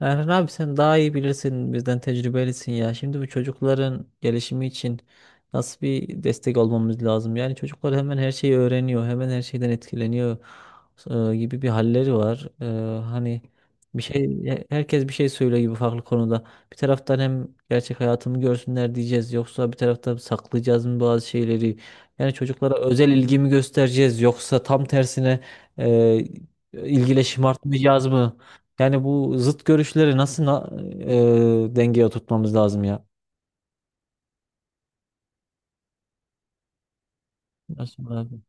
Erhan abi sen daha iyi bilirsin bizden tecrübelisin ya. Şimdi bu çocukların gelişimi için nasıl bir destek olmamız lazım? Yani çocuklar hemen her şeyi öğreniyor, hemen her şeyden etkileniyor gibi bir halleri var. Hani bir şey Herkes bir şey söylüyor gibi farklı konuda. Bir taraftan hem gerçek hayatımı görsünler diyeceğiz yoksa bir taraftan saklayacağız mı bazı şeyleri? Yani çocuklara özel ilgimi göstereceğiz yoksa tam tersine e, ilgiyle şımartmayacağız mı? Yani bu zıt görüşleri nasıl dengeye oturtmamız lazım ya? Nasıl abi?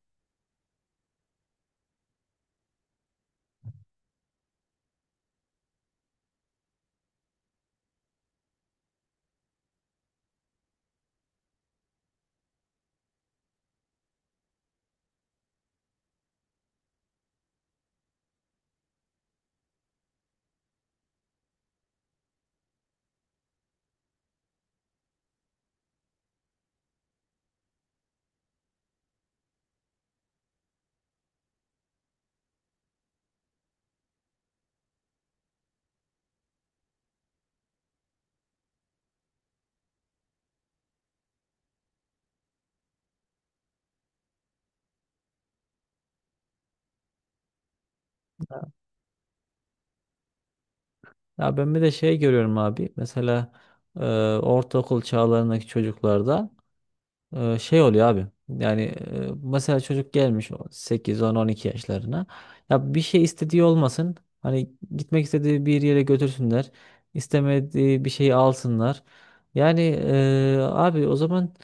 Ya ben bir de şey görüyorum abi. Mesela e, ortaokul çağlarındaki çocuklarda şey oluyor abi. Yani mesela çocuk gelmiş 8, 10, 12 yaşlarına. Ya bir şey istediği olmasın. Hani gitmek istediği bir yere götürsünler. İstemediği bir şeyi alsınlar. Yani abi o zaman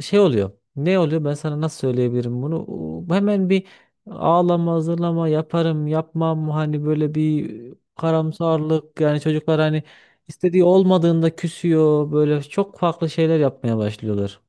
şey oluyor. Ne oluyor? Ben sana nasıl söyleyebilirim bunu? Hemen bir ağlama, hazırlama yaparım, yapmam. Hani böyle bir karamsarlık. Yani çocuklar hani istediği olmadığında küsüyor. Böyle çok farklı şeyler yapmaya başlıyorlar.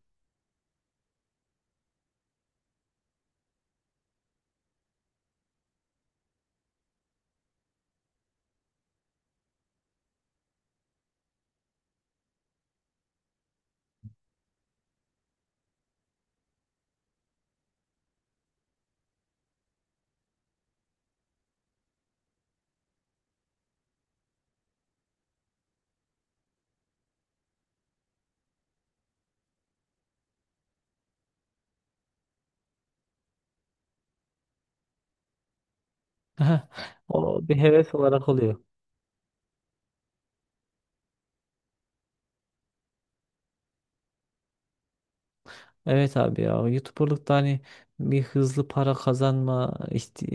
O bir heves olarak oluyor. Evet abi ya o YouTuber'lıkta hani bir hızlı para kazanma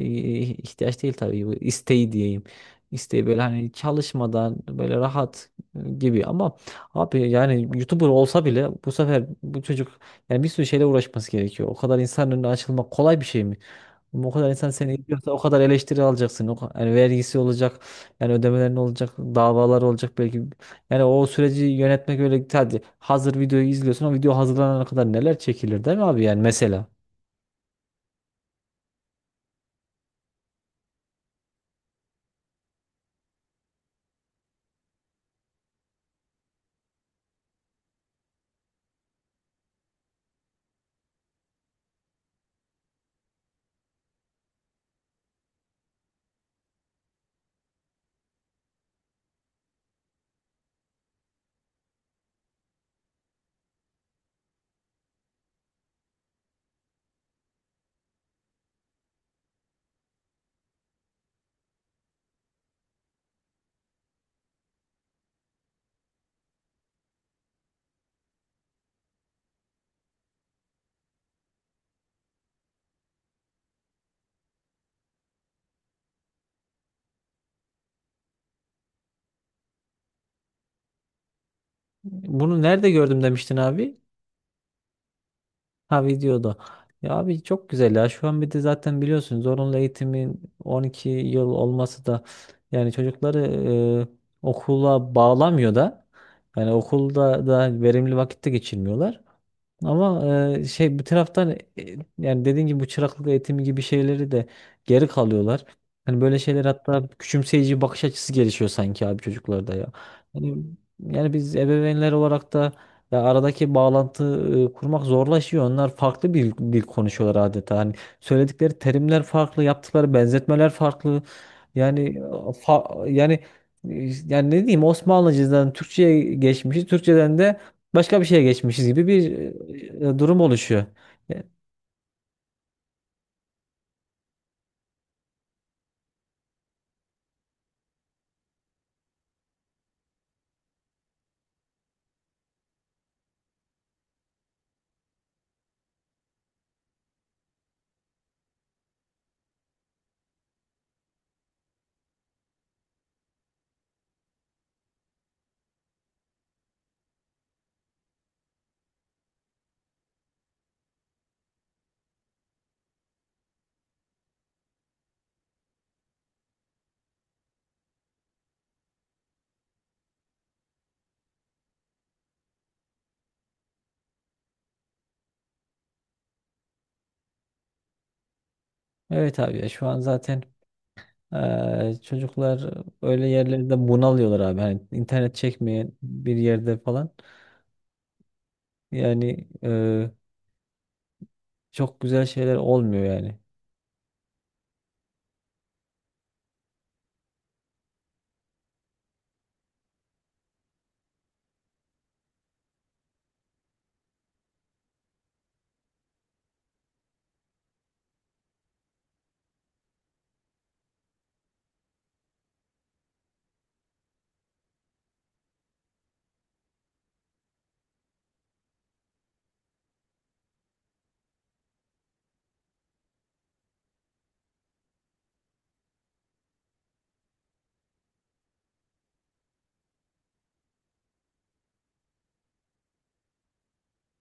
ihtiyaç değil tabii bu isteği diyeyim. İsteği böyle hani çalışmadan böyle rahat gibi ama abi yani YouTuber olsa bile bu sefer bu çocuk yani bir sürü şeyle uğraşması gerekiyor. O kadar insan önüne açılmak kolay bir şey mi? Ama o kadar insan seni izliyorsa o kadar eleştiri alacaksın. Yani vergisi olacak, yani ödemelerin olacak, davalar olacak belki. Yani o süreci yönetmek öyle hadi hazır videoyu izliyorsun o video hazırlanana kadar neler çekilir değil mi abi yani mesela. Bunu nerede gördüm demiştin abi? Ha, videoda. Ya abi çok güzel ya şu an bir de zaten biliyorsun zorunlu eğitimin 12 yıl olması da yani çocukları okula bağlamıyor da yani okulda da verimli vakitte geçirmiyorlar. Ama şey bir taraftan yani dediğin gibi bu çıraklık eğitimi gibi şeyleri de geri kalıyorlar. Hani böyle şeyler hatta küçümseyici bakış açısı gelişiyor sanki abi çocuklarda ya. Yani, yani biz ebeveynler olarak da ya aradaki bağlantı kurmak zorlaşıyor. Onlar farklı bir dil konuşuyorlar adeta. Hani söyledikleri terimler farklı, yaptıkları benzetmeler farklı. Yani yani e, yani ne diyeyim Osmanlıcadan Türkçe'ye geçmişiz. Türkçeden de başka bir şeye geçmişiz gibi bir durum oluşuyor. E, Evet abi ya şu an zaten çocuklar öyle yerlerde bunalıyorlar abi. Hani internet çekmeyen bir yerde falan. Yani çok güzel şeyler olmuyor yani.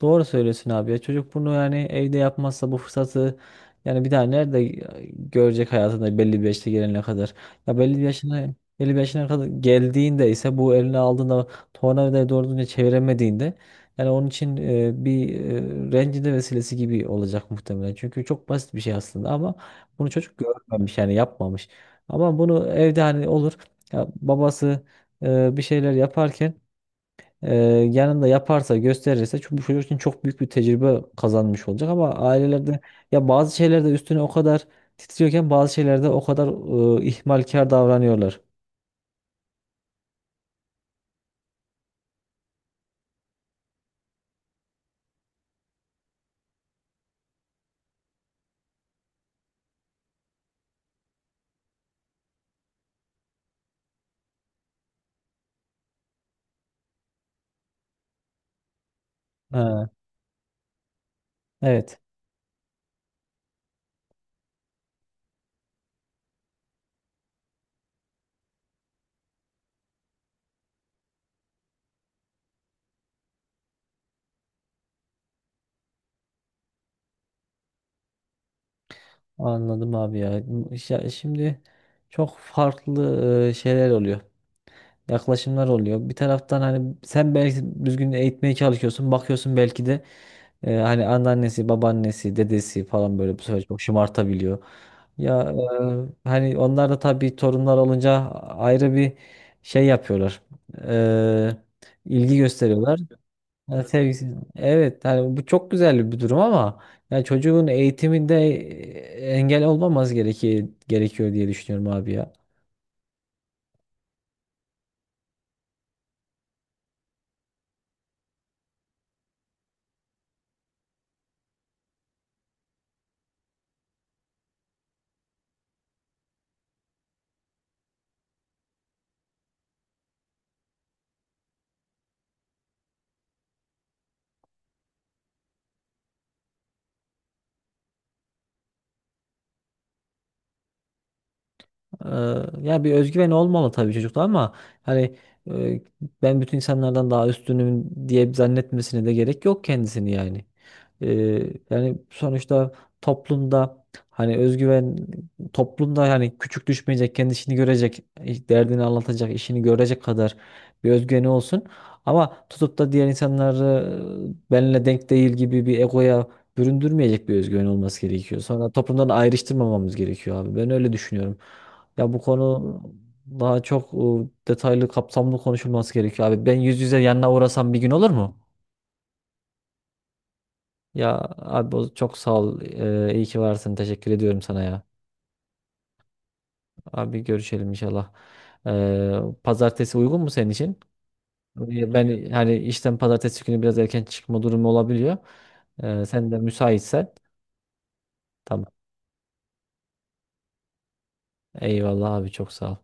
Doğru söylüyorsun abi ya. Çocuk bunu yani evde yapmazsa bu fırsatı yani bir daha nerede görecek hayatında belli bir yaşta gelene kadar. Ya belli bir yaşına kadar geldiğinde ise bu eline aldığında tornavidayı doğru düzgün çeviremediğinde yani onun için bir rencide vesilesi gibi olacak muhtemelen. Çünkü çok basit bir şey aslında ama bunu çocuk görmemiş yani yapmamış. Ama bunu evde hani olur ya babası bir şeyler yaparken ee, yanında yaparsa gösterirse bu çocuk için çok büyük bir tecrübe kazanmış olacak ama ailelerde ya bazı şeylerde üstüne o kadar titriyorken bazı şeylerde o kadar ihmalkar davranıyorlar. Ha, evet, anladım abi ya. Ya şimdi çok farklı şeyler oluyor. Yaklaşımlar oluyor. Bir taraftan hani sen belki düzgün eğitmeye çalışıyorsun. Bakıyorsun belki de hani anneannesi, babaannesi, dedesi falan böyle bu sefer çok şımartabiliyor. Ya hani onlar da tabii torunlar olunca ayrı bir şey yapıyorlar. Ee, ilgi gösteriyorlar. Ya sevgisi. Evet hani bu çok güzel bir durum ama yani çocuğun eğitiminde engel olmaması gerekiyor diye düşünüyorum abi ya. Ee, Ya bir özgüven olmalı tabii çocukta ama hani e, ben bütün insanlardan daha üstünüm diye zannetmesine de gerek yok kendisini yani. Ee, Yani sonuçta toplumda hani özgüven toplumda yani küçük düşmeyecek, kendisini görecek, derdini anlatacak, işini görecek kadar bir özgüveni olsun. Ama tutup da diğer insanları benimle denk değil gibi bir egoya büründürmeyecek bir özgüven olması gerekiyor. Sonra toplumdan ayrıştırmamamız gerekiyor abi. Ben öyle düşünüyorum. Ya bu konu daha çok detaylı, kapsamlı konuşulması gerekiyor abi. Ben yüz yüze yanına uğrasam bir gün olur mu? Ya abi çok sağ ol. İyi ki varsın. Teşekkür ediyorum sana ya. Abi görüşelim inşallah. Pazartesi uygun mu senin için? Ben hani işten pazartesi günü biraz erken çıkma durumu olabiliyor. Sen de müsaitsen. Tamam. Eyvallah abi çok sağ ol.